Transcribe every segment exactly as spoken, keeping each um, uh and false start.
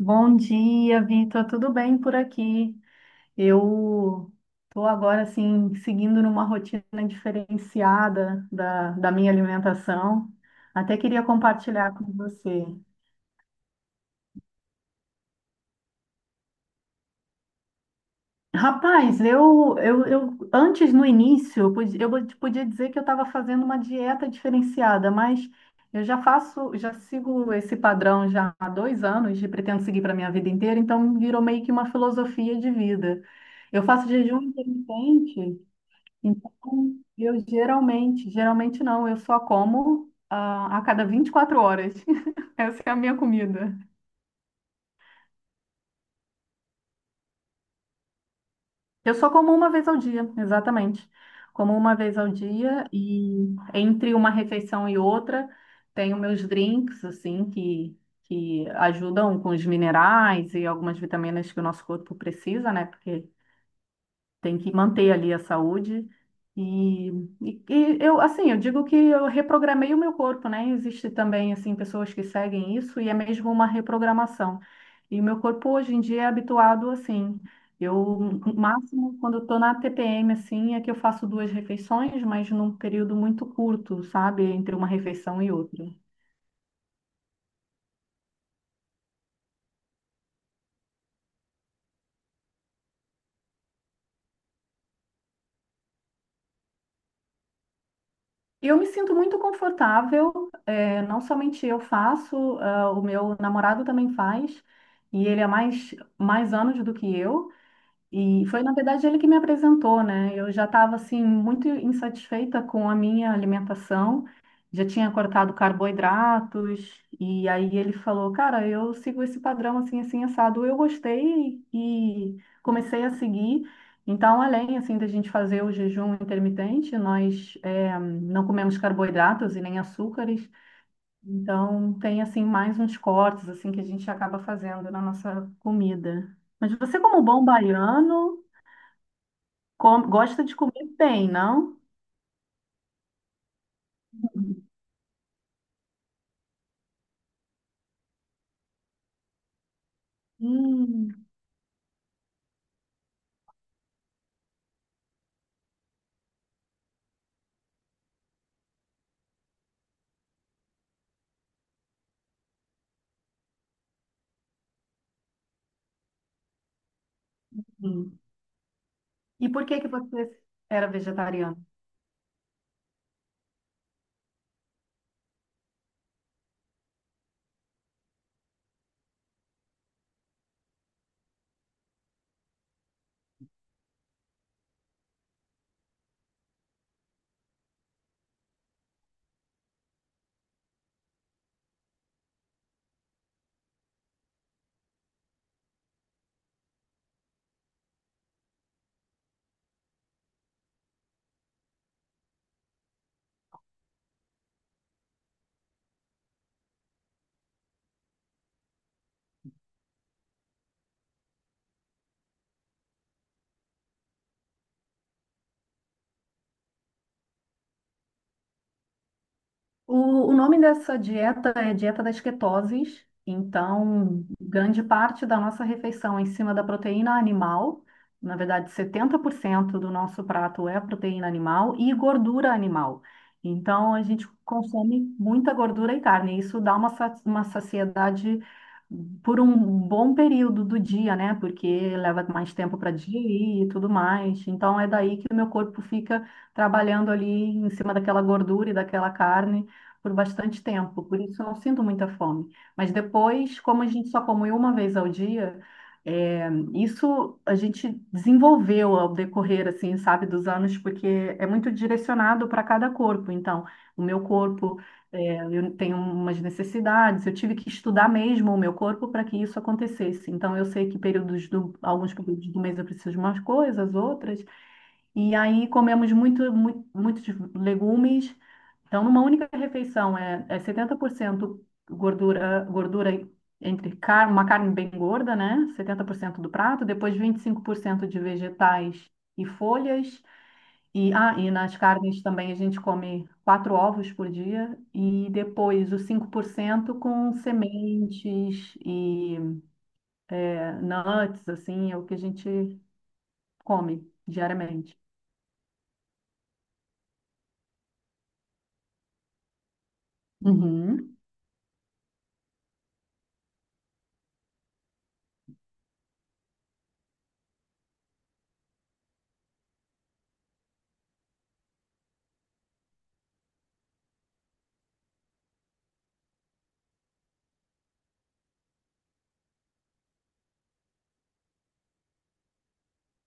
Bom dia, Vitor. Tudo bem por aqui? Eu estou agora assim seguindo numa rotina diferenciada da, da minha alimentação. Até queria compartilhar com você. Rapaz, eu, eu, eu antes no início eu podia, eu podia dizer que eu estava fazendo uma dieta diferenciada, mas eu já faço, já sigo esse padrão já há dois anos e pretendo seguir para minha vida inteira, então virou meio que uma filosofia de vida. Eu faço jejum intermitente. Então, eu geralmente, geralmente não, eu só como ah, a cada vinte e quatro horas. Essa é a minha comida. Eu só como uma vez ao dia, exatamente. Como uma vez ao dia e entre uma refeição e outra, tenho meus drinks, assim, que, que ajudam com os minerais e algumas vitaminas que o nosso corpo precisa, né? Porque tem que manter ali a saúde. E, e, e eu, assim, eu digo que eu reprogramei o meu corpo, né? Existe também, assim, pessoas que seguem isso e é mesmo uma reprogramação. E o meu corpo hoje em dia é habituado assim. Eu, o máximo, quando eu tô na T P M, assim, é que eu faço duas refeições, mas num período muito curto, sabe? Entre uma refeição e outra. Eu me sinto muito confortável, eh, não somente eu faço, ah, o meu namorado também faz, e ele é mais, mais anos do que eu. E foi, na verdade, ele que me apresentou, né? Eu já estava, assim, muito insatisfeita com a minha alimentação, já tinha cortado carboidratos, e aí ele falou, cara, eu sigo esse padrão, assim, assim, assado. Eu gostei e comecei a seguir. Então, além, assim, da gente fazer o jejum intermitente, nós eh, não comemos carboidratos e nem açúcares. Então, tem, assim, mais uns cortes, assim, que a gente acaba fazendo na nossa comida. Mas você, como bom baiano... Com- gosta de comer bem, não? Hum. E por que que você era vegetariano? O, o nome dessa dieta é dieta das ketoses. Então, grande parte da nossa refeição é em cima da proteína animal. Na verdade, setenta por cento do nosso prato é proteína animal e gordura animal. Então, a gente consome muita gordura e carne. E isso dá uma, sa- uma saciedade por um bom período do dia, né? Porque leva mais tempo para digerir e tudo mais. Então, é daí que o meu corpo fica trabalhando ali em cima daquela gordura e daquela carne por bastante tempo, por isso eu não sinto muita fome. Mas depois, como a gente só come uma vez ao dia, é, isso a gente desenvolveu ao decorrer, assim, sabe, dos anos, porque é muito direcionado para cada corpo. Então, o meu corpo, é, eu tenho umas necessidades, eu tive que estudar mesmo o meu corpo para que isso acontecesse. Então, eu sei que períodos do, alguns períodos do mês eu preciso de umas coisas, outras. E aí comemos muito, muito, muitos legumes então, numa única refeição, é, é setenta por cento gordura, gordura entre car uma carne bem gorda, né? setenta por cento do prato, depois vinte e cinco por cento de vegetais e folhas. E, ah, e nas carnes também a gente come quatro ovos por dia, e depois os cinco por cento com sementes e é, nuts, assim, é o que a gente come diariamente. Uhum,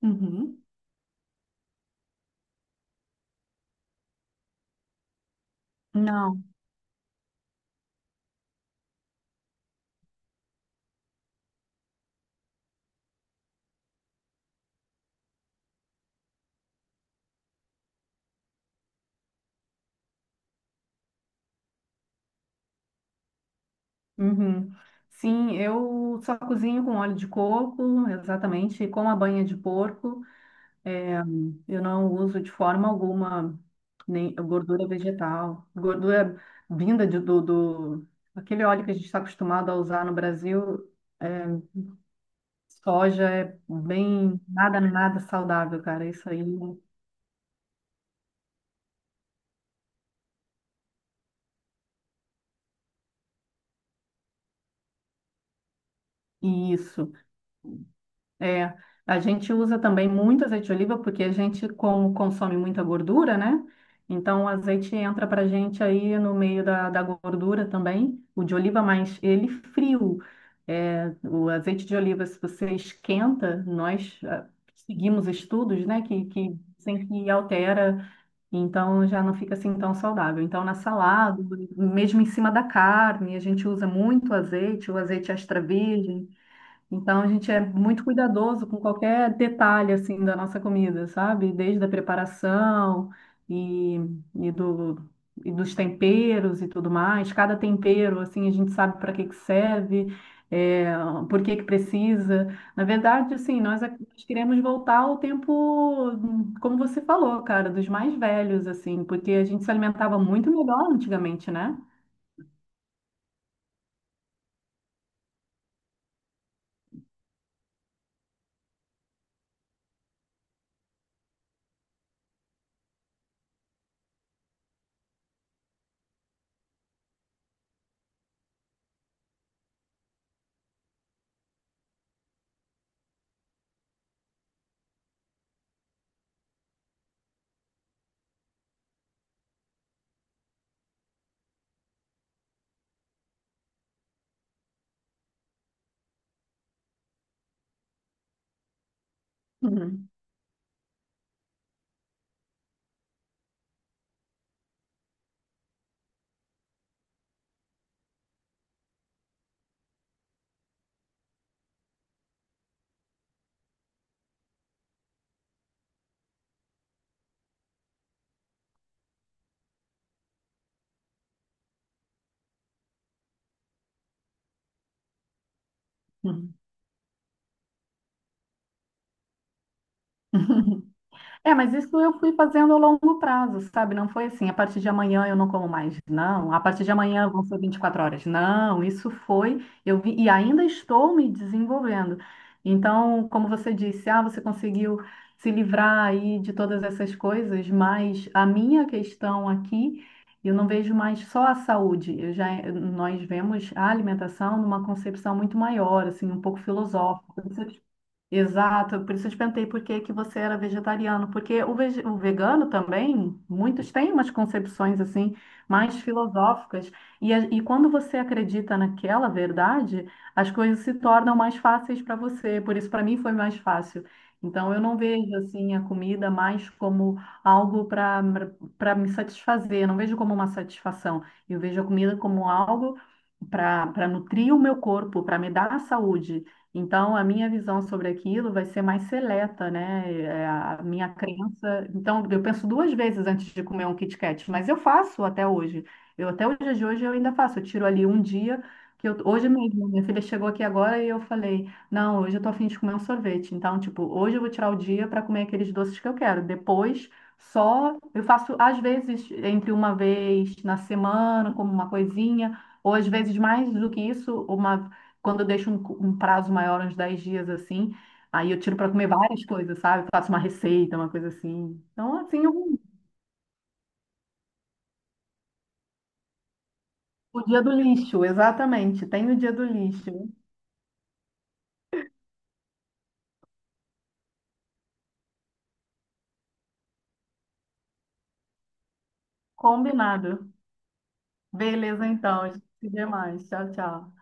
uhum. Não. Uhum. Sim, eu só cozinho com óleo de coco, exatamente, com a banha de porco. É, eu não uso de forma alguma nem gordura vegetal, gordura vinda de- do, do aquele óleo que a gente está acostumado a usar no Brasil. É, soja é bem nada, nada saudável, cara. Isso aí, isso. É, a gente usa também muito azeite de oliva porque a gente, como consome muita gordura, né? Então o azeite entra pra gente aí no meio da, da gordura também, o de oliva, mas ele frio. É, o azeite de oliva, se você esquenta, nós ah, seguimos estudos, né, que, que dizem que altera, então já não fica assim tão saudável. Então na salada, mesmo em cima da carne, a gente usa muito azeite, o azeite extra virgem. Então a gente é muito cuidadoso com qualquer detalhe assim da nossa comida, sabe? Desde a preparação e, e do e dos temperos e tudo mais. Cada tempero assim a gente sabe para que que serve, é, por que que precisa. Na verdade, assim, nós, a- nós queremos voltar ao tempo, como você falou, cara, dos mais velhos assim, porque a gente se alimentava muito melhor antigamente, né? Uhum. É, mas isso eu fui fazendo a longo prazo, sabe? Não foi assim, a partir de amanhã eu não como mais, não. A partir de amanhã vão ser vinte e quatro horas. Não, isso foi, eu vi, e ainda estou me desenvolvendo. Então, como você disse, ah, você conseguiu se livrar aí de todas essas coisas, mas a minha questão aqui, eu não vejo mais só a saúde. Eu já, nós vemos a alimentação numa concepção muito maior, assim, um pouco filosófica. Exato, por isso eu te perguntei por que que você era vegetariano, porque o, vege- o vegano também, muitos têm umas concepções assim, mais filosóficas, e, a- e quando você acredita naquela verdade, as coisas se tornam mais fáceis para você, por isso para mim foi mais fácil. Então eu não vejo assim a comida mais como algo para para me satisfazer, não vejo como uma satisfação, eu vejo a comida como algo para para nutrir o meu corpo, para me dar saúde. Então, a minha visão sobre aquilo vai ser mais seleta, né? É, a minha crença. Então, eu penso duas vezes antes de comer um Kit Kat, mas eu faço até hoje. Eu até o dia de hoje eu ainda faço. Eu tiro ali um dia que eu, hoje mesmo, minha filha chegou aqui agora e eu falei: "Não, hoje eu tô afim de comer um sorvete". Então, tipo, hoje eu vou tirar o dia para comer aqueles doces que eu quero. Depois, só eu faço às vezes entre uma vez na semana, como uma coisinha ou às vezes mais do que isso, uma quando eu deixo um, cu- um prazo maior, uns dez dias assim, aí eu tiro para comer várias coisas, sabe? Faço uma receita, uma coisa assim. Então, assim, o, o dia do lixo, exatamente. Tem o dia do lixo. Combinado. Beleza, então. A gente se vê mais. Tchau, tchau.